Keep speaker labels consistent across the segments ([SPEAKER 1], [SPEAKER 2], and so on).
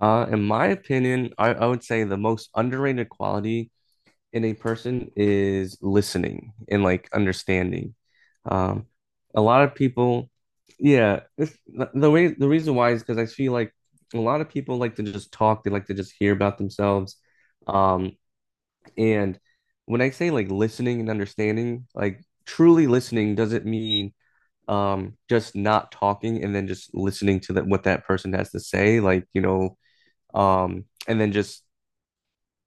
[SPEAKER 1] In my opinion, I would say the most underrated quality in a person is listening and like understanding. Um, a lot of people, yeah, the way the reason why is because I feel like a lot of people like to just talk, they like to just hear about themselves. Um, and when I say like listening and understanding, like truly listening doesn't mean just not talking and then just listening to that what that person has to say, and then just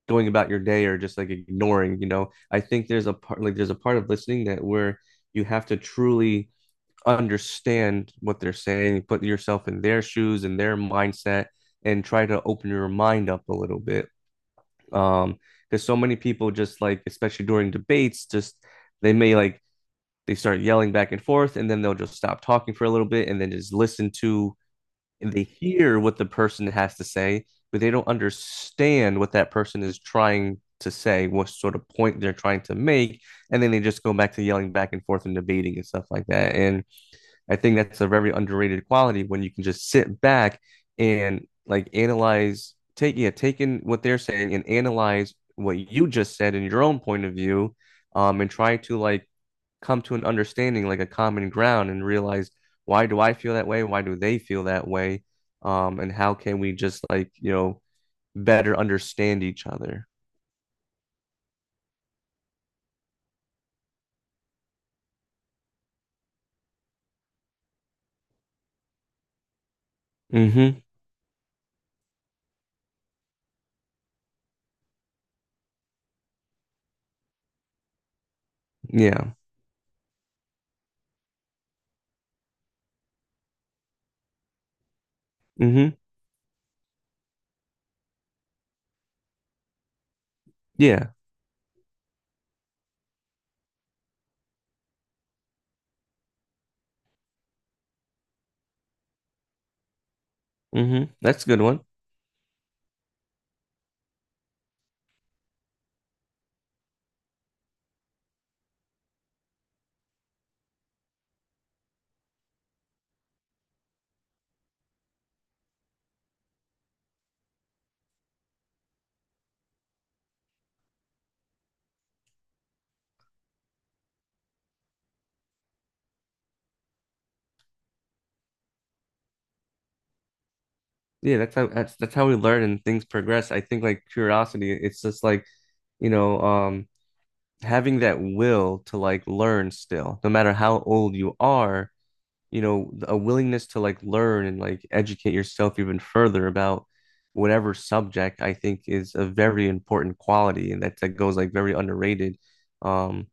[SPEAKER 1] going about your day or just like ignoring. I think there's a part like there's a part of listening that where you have to truly understand what they're saying, put yourself in their shoes and their mindset and try to open your mind up a little bit. um because so many people just like, especially during debates, just they may like they start yelling back and forth and then they'll just stop talking for a little bit and then just listen, to and they hear what the person has to say, but they don't understand what that person is trying to say, what sort of point they're trying to make, and then they just go back to yelling back and forth and debating and stuff like that. And I think that's a very underrated quality when you can just sit back and like analyze, take, yeah, taking what they're saying and analyze what you just said in your own point of view, and try to like come to an understanding, like a common ground, and realize, why do I feel that way? Why do they feel that way? And how can we just like, you know, better understand each other? Mm-hmm. Yeah. Mm-hmm. Yeah. Mm-hmm. That's a good one. Yeah, that's how, that's how we learn and things progress. I think like curiosity, it's just like, you know, having that will to like learn still, no matter how old you are, you know, a willingness to like learn and like educate yourself even further about whatever subject, I think is a very important quality, and that goes like very underrated um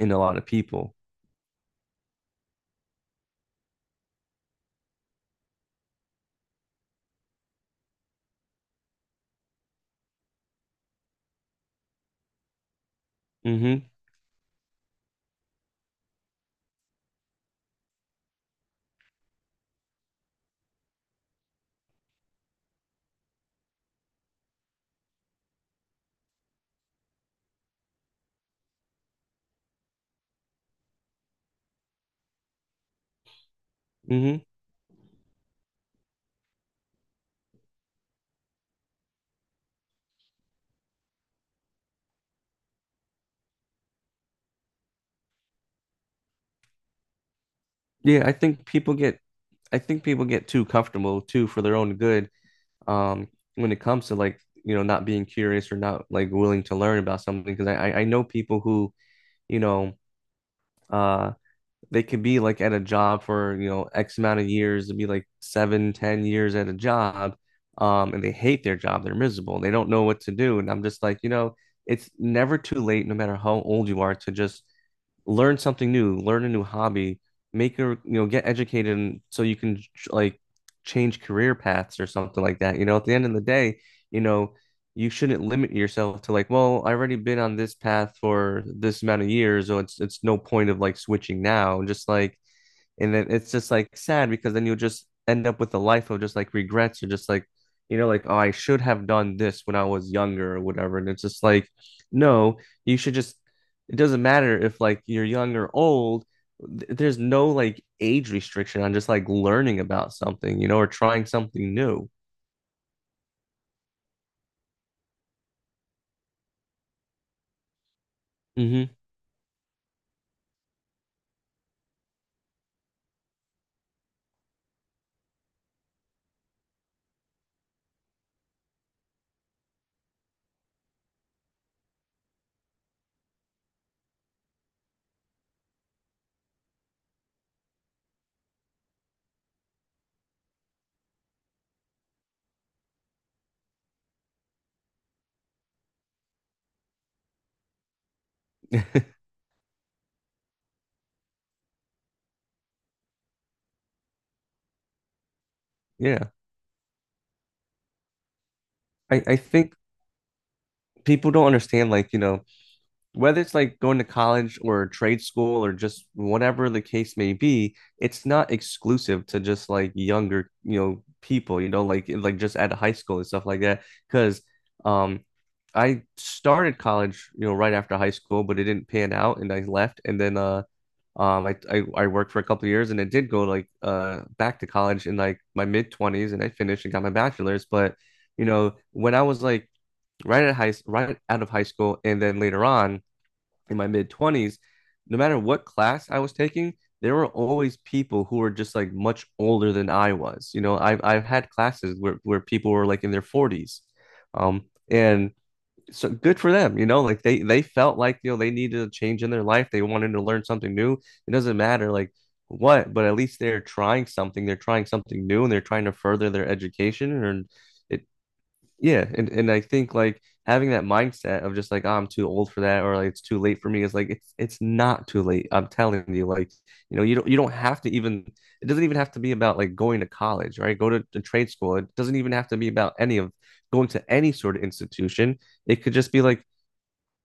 [SPEAKER 1] in a lot of people. Hmm. Hmm. Yeah, I think people get too comfortable too for their own good, um when it comes to like, you know, not being curious or not like willing to learn about something. Because I know people who, you know, uh they could be like at a job for, you know, X amount of years, it'd be like seven, 10 years at a job, and they hate their job, they're miserable, they don't know what to do. And I'm just like, you know, it's never too late, no matter how old you are, to just learn something new, learn a new hobby, make a, you know, get educated, and so you can like change career paths or something like that. You know, at the end of the day, you know, you shouldn't limit yourself to like, well, I've already been on this path for this amount of years, so it's no point of like switching now. Just like, and then it's just like sad because then you'll just end up with a life of just like regrets or just like, you know, like, oh, I should have done this when I was younger or whatever. And it's just like, no, you should just, it doesn't matter if like you're young or old. There's no like age restriction on just like learning about something, you know, or trying something new. Hmm. Yeah. I think people don't understand like, you know, whether it's like going to college or trade school or just whatever the case may be, it's not exclusive to just like younger, you know, people, you know, like just at high school and stuff like that. Because um I started college, you know, right after high school, but it didn't pan out and I left. And then I worked for a couple of years, and I did go like back to college in like my mid 20s, and I finished and got my bachelor's. But you know, when I was like right out of high school and then later on in my mid 20s, no matter what class I was taking, there were always people who were just like much older than I was. You know, I've had classes where people were like in their 40s, and so good for them. You know, like they felt like, you know, they needed a change in their life. They wanted to learn something new. It doesn't matter like what, but at least they're trying something. They're trying something new, and they're trying to further their education. And it yeah, and I think like having that mindset of just like, oh, I'm too old for that, or like it's too late for me, is like, it's not too late. I'm telling you, like, you know, you don't have to even, it doesn't even have to be about like going to college, right? Go to trade school. It doesn't even have to be about any of going to any sort of institution. It could just be like,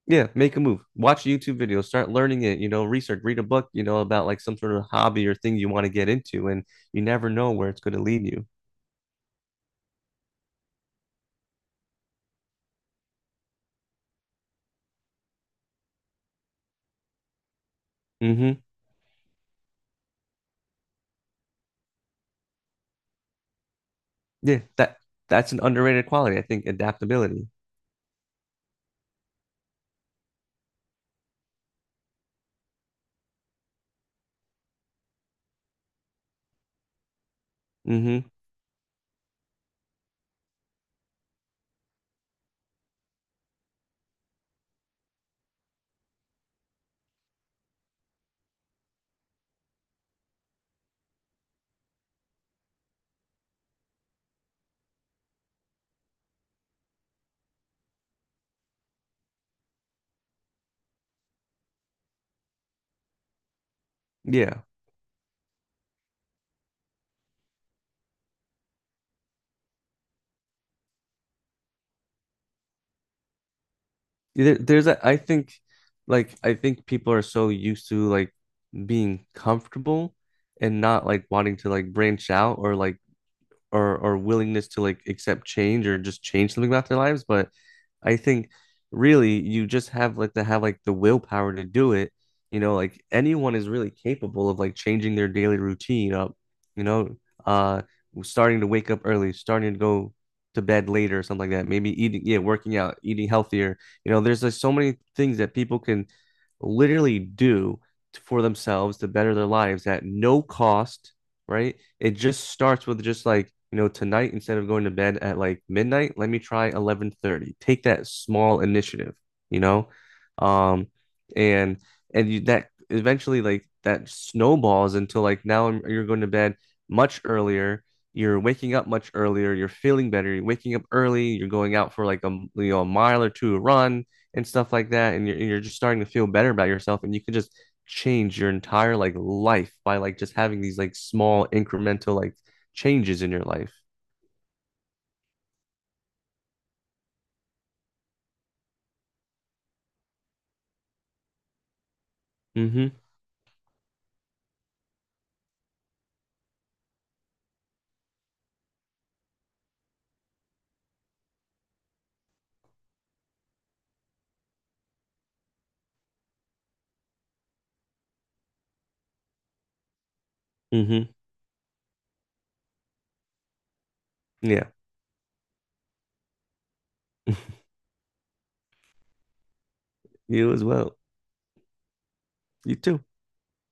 [SPEAKER 1] yeah, make a move. Watch YouTube videos, start learning it, you know, research, read a book, you know, about like some sort of hobby or thing you want to get into, and you never know where it's going to lead you. Hmm. Yeah, that's an underrated quality, I think, adaptability. Hmm. Yeah. There's a, I think, like I think people are so used to like being comfortable and not like wanting to like branch out, or like or willingness to like accept change or just change something about their lives, but I think really you just have like to have like the willpower to do it. You know, like anyone is really capable of like changing their daily routine up, you know. uh Starting to wake up early, starting to go to bed later or something like that, maybe eating, yeah, working out, eating healthier, you know, there's like so many things that people can literally do for themselves to better their lives at no cost, right? It just starts with just like, you know, tonight instead of going to bed at like midnight, let me try 11:30. Take that small initiative, you know? Um and you, that eventually like that snowballs until like now you're going to bed much earlier, you're waking up much earlier, you're feeling better, you're waking up early, you're going out for like a, you know, a mile or two run and stuff like that, and you're just starting to feel better about yourself, and you can just change your entire like life by like just having these like small incremental like changes in your life. Mm-hmm. Mm-hmm. Yeah. You as well. You too.